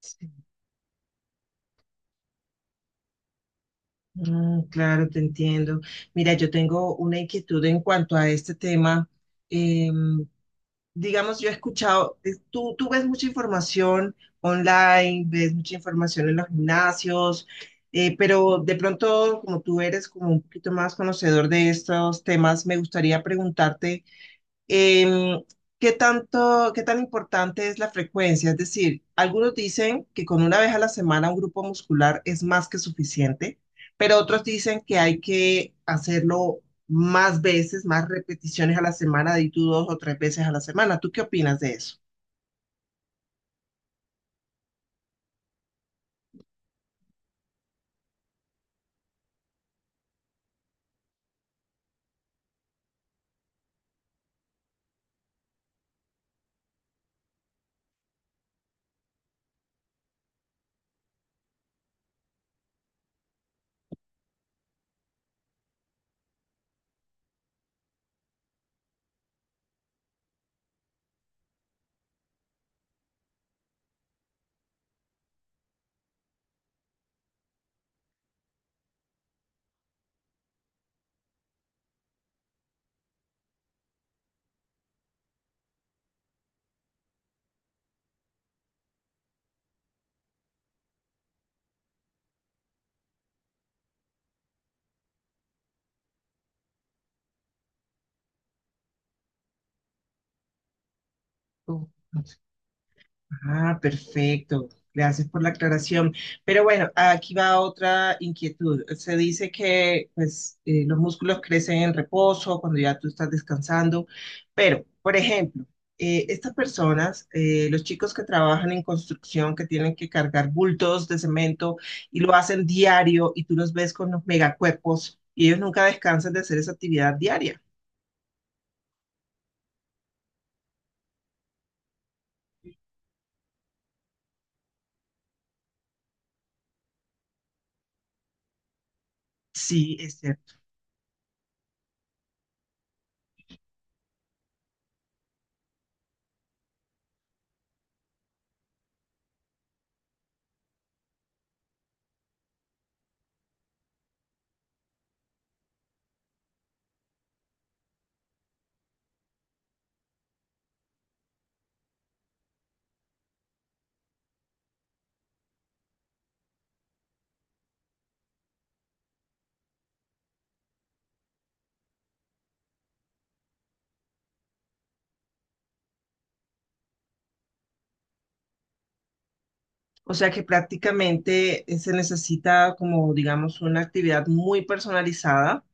Sí. Claro, te entiendo. Mira, yo tengo una inquietud en cuanto a este tema. Em, digamos, yo he escuchado, tú ves mucha información online, ves mucha información en los gimnasios, pero de pronto, como tú eres como un poquito más conocedor de estos temas, me gustaría preguntarte. Em, ¿Qué tanto, qué tan importante es la frecuencia? Es decir, algunos dicen que con una vez a la semana un grupo muscular es más que suficiente, pero otros dicen que hay que hacerlo más veces, más repeticiones a la semana, de tú dos o tres veces a la semana. ¿Tú qué opinas de eso? Oh, Ah, perfecto. Gracias por la aclaración. Pero bueno, aquí va otra inquietud. Se dice que pues, los músculos crecen en reposo cuando ya tú estás descansando, pero, por ejemplo, estas personas, los chicos que trabajan en construcción, que tienen que cargar bultos de cemento y lo hacen diario y tú los ves con los megacuerpos y ellos nunca descansan de hacer esa actividad diaria. Sí, es cierto. O sea que prácticamente se necesita como, digamos, una actividad muy personalizada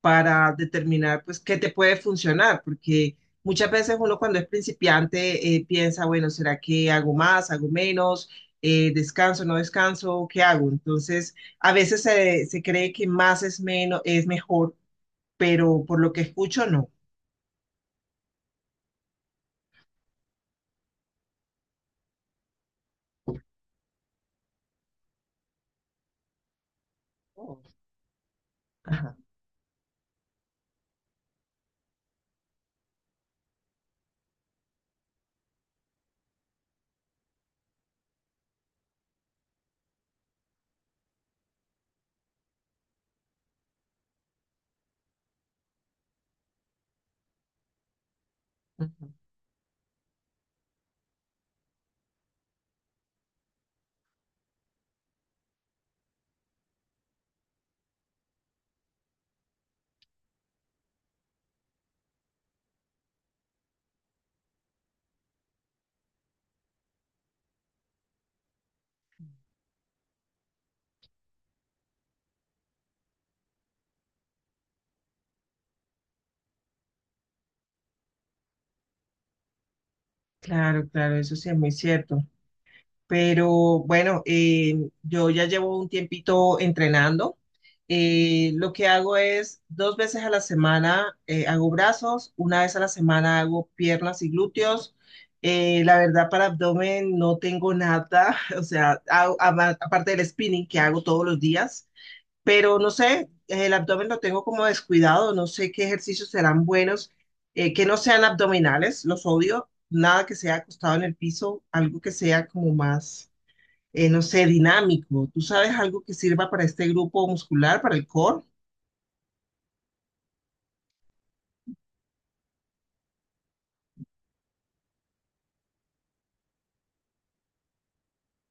para determinar, pues, qué te puede funcionar, porque muchas veces uno cuando es principiante piensa, bueno, ¿será que hago más, hago menos, descanso, no descanso, qué hago? Entonces, a veces se cree que más es menos, es mejor, pero por lo que escucho, no. Oh. Ajá. Ujú. Claro, claro, eso sí es muy cierto. Pero bueno, yo ya llevo un tiempito entrenando. Lo que hago es dos veces a la semana hago brazos, una vez a la semana hago piernas y glúteos. La verdad, para abdomen no tengo nada, o sea, aparte del spinning que hago todos los días, pero no sé, el abdomen lo tengo como descuidado, no sé qué ejercicios serán buenos, que no sean abdominales, los odio, nada que sea acostado en el piso, algo que sea como más no sé, dinámico. ¿Tú sabes algo que sirva para este grupo muscular, para el core?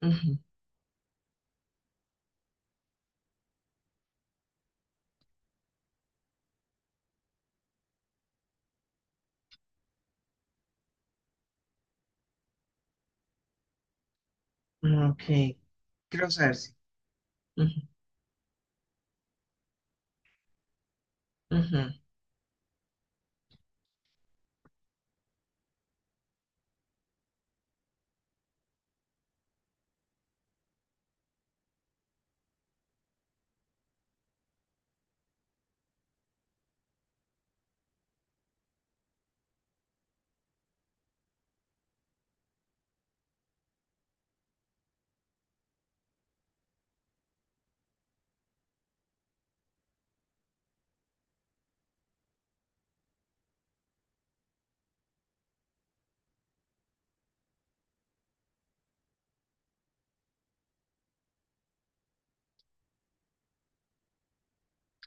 Ujú. Ok, quiero saber si. Ujú, ujú.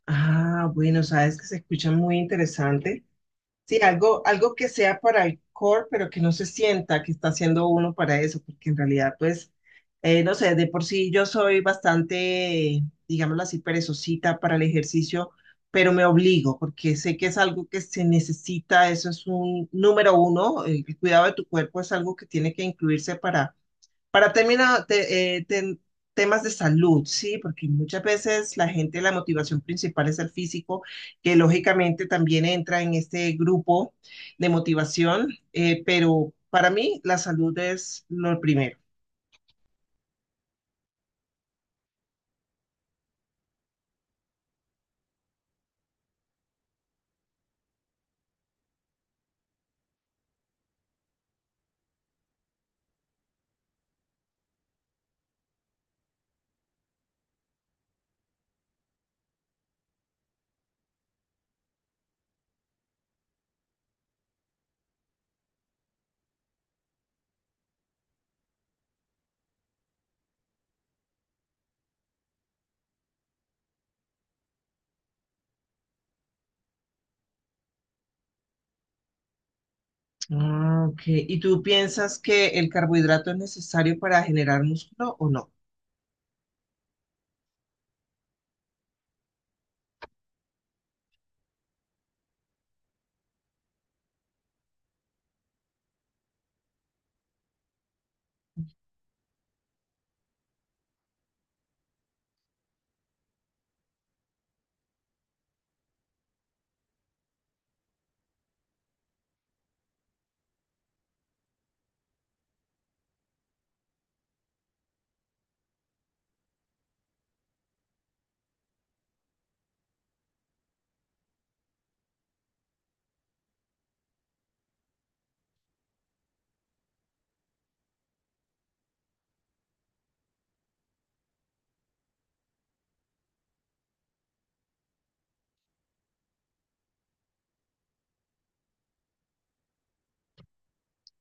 Ah, bueno, sabes que se escucha muy interesante. Sí, algo, algo que sea para el core, pero que no se sienta que está haciendo uno para eso, porque en realidad, pues, no sé, de por sí yo soy bastante, digámoslo así, perezosita para el ejercicio, pero me obligo, porque sé que es algo que se necesita, eso es un número uno, el cuidado de tu cuerpo es algo que tiene que incluirse para terminar, temas de salud, ¿sí? Porque muchas veces la gente, la motivación principal es el físico, que lógicamente también entra en este grupo de motivación, pero para mí la salud es lo primero. Ah, ok. ¿Y tú piensas que el carbohidrato es necesario para generar músculo o no?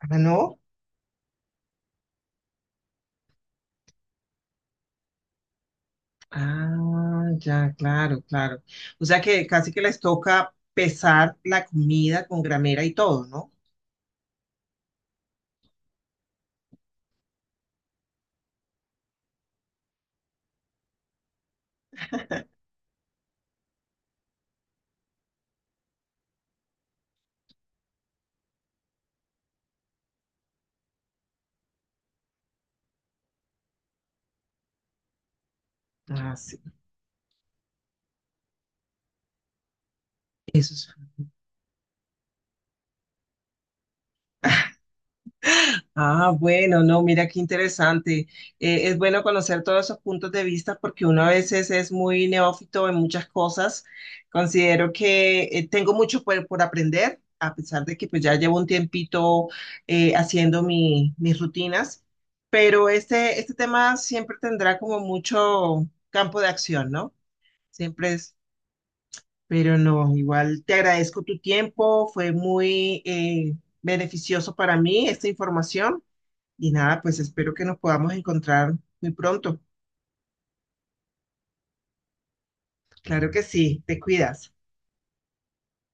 Ah, no. Ah, ya, claro, claro. O sea que casi que les toca pesar la comida con gramera y todo, ¿no? Ah, sí. Eso es. Ah, bueno, no, mira qué interesante. Es bueno conocer todos esos puntos de vista porque uno a veces es muy neófito en muchas cosas. Considero que tengo mucho por aprender, a pesar de que pues ya llevo un tiempito haciendo mis rutinas, pero este tema siempre tendrá como mucho campo de acción, ¿no? Siempre es, pero no, igual te agradezco tu tiempo, fue muy beneficioso para mí esta información. Y nada, pues espero que nos podamos encontrar muy pronto. Claro que sí, te cuidas.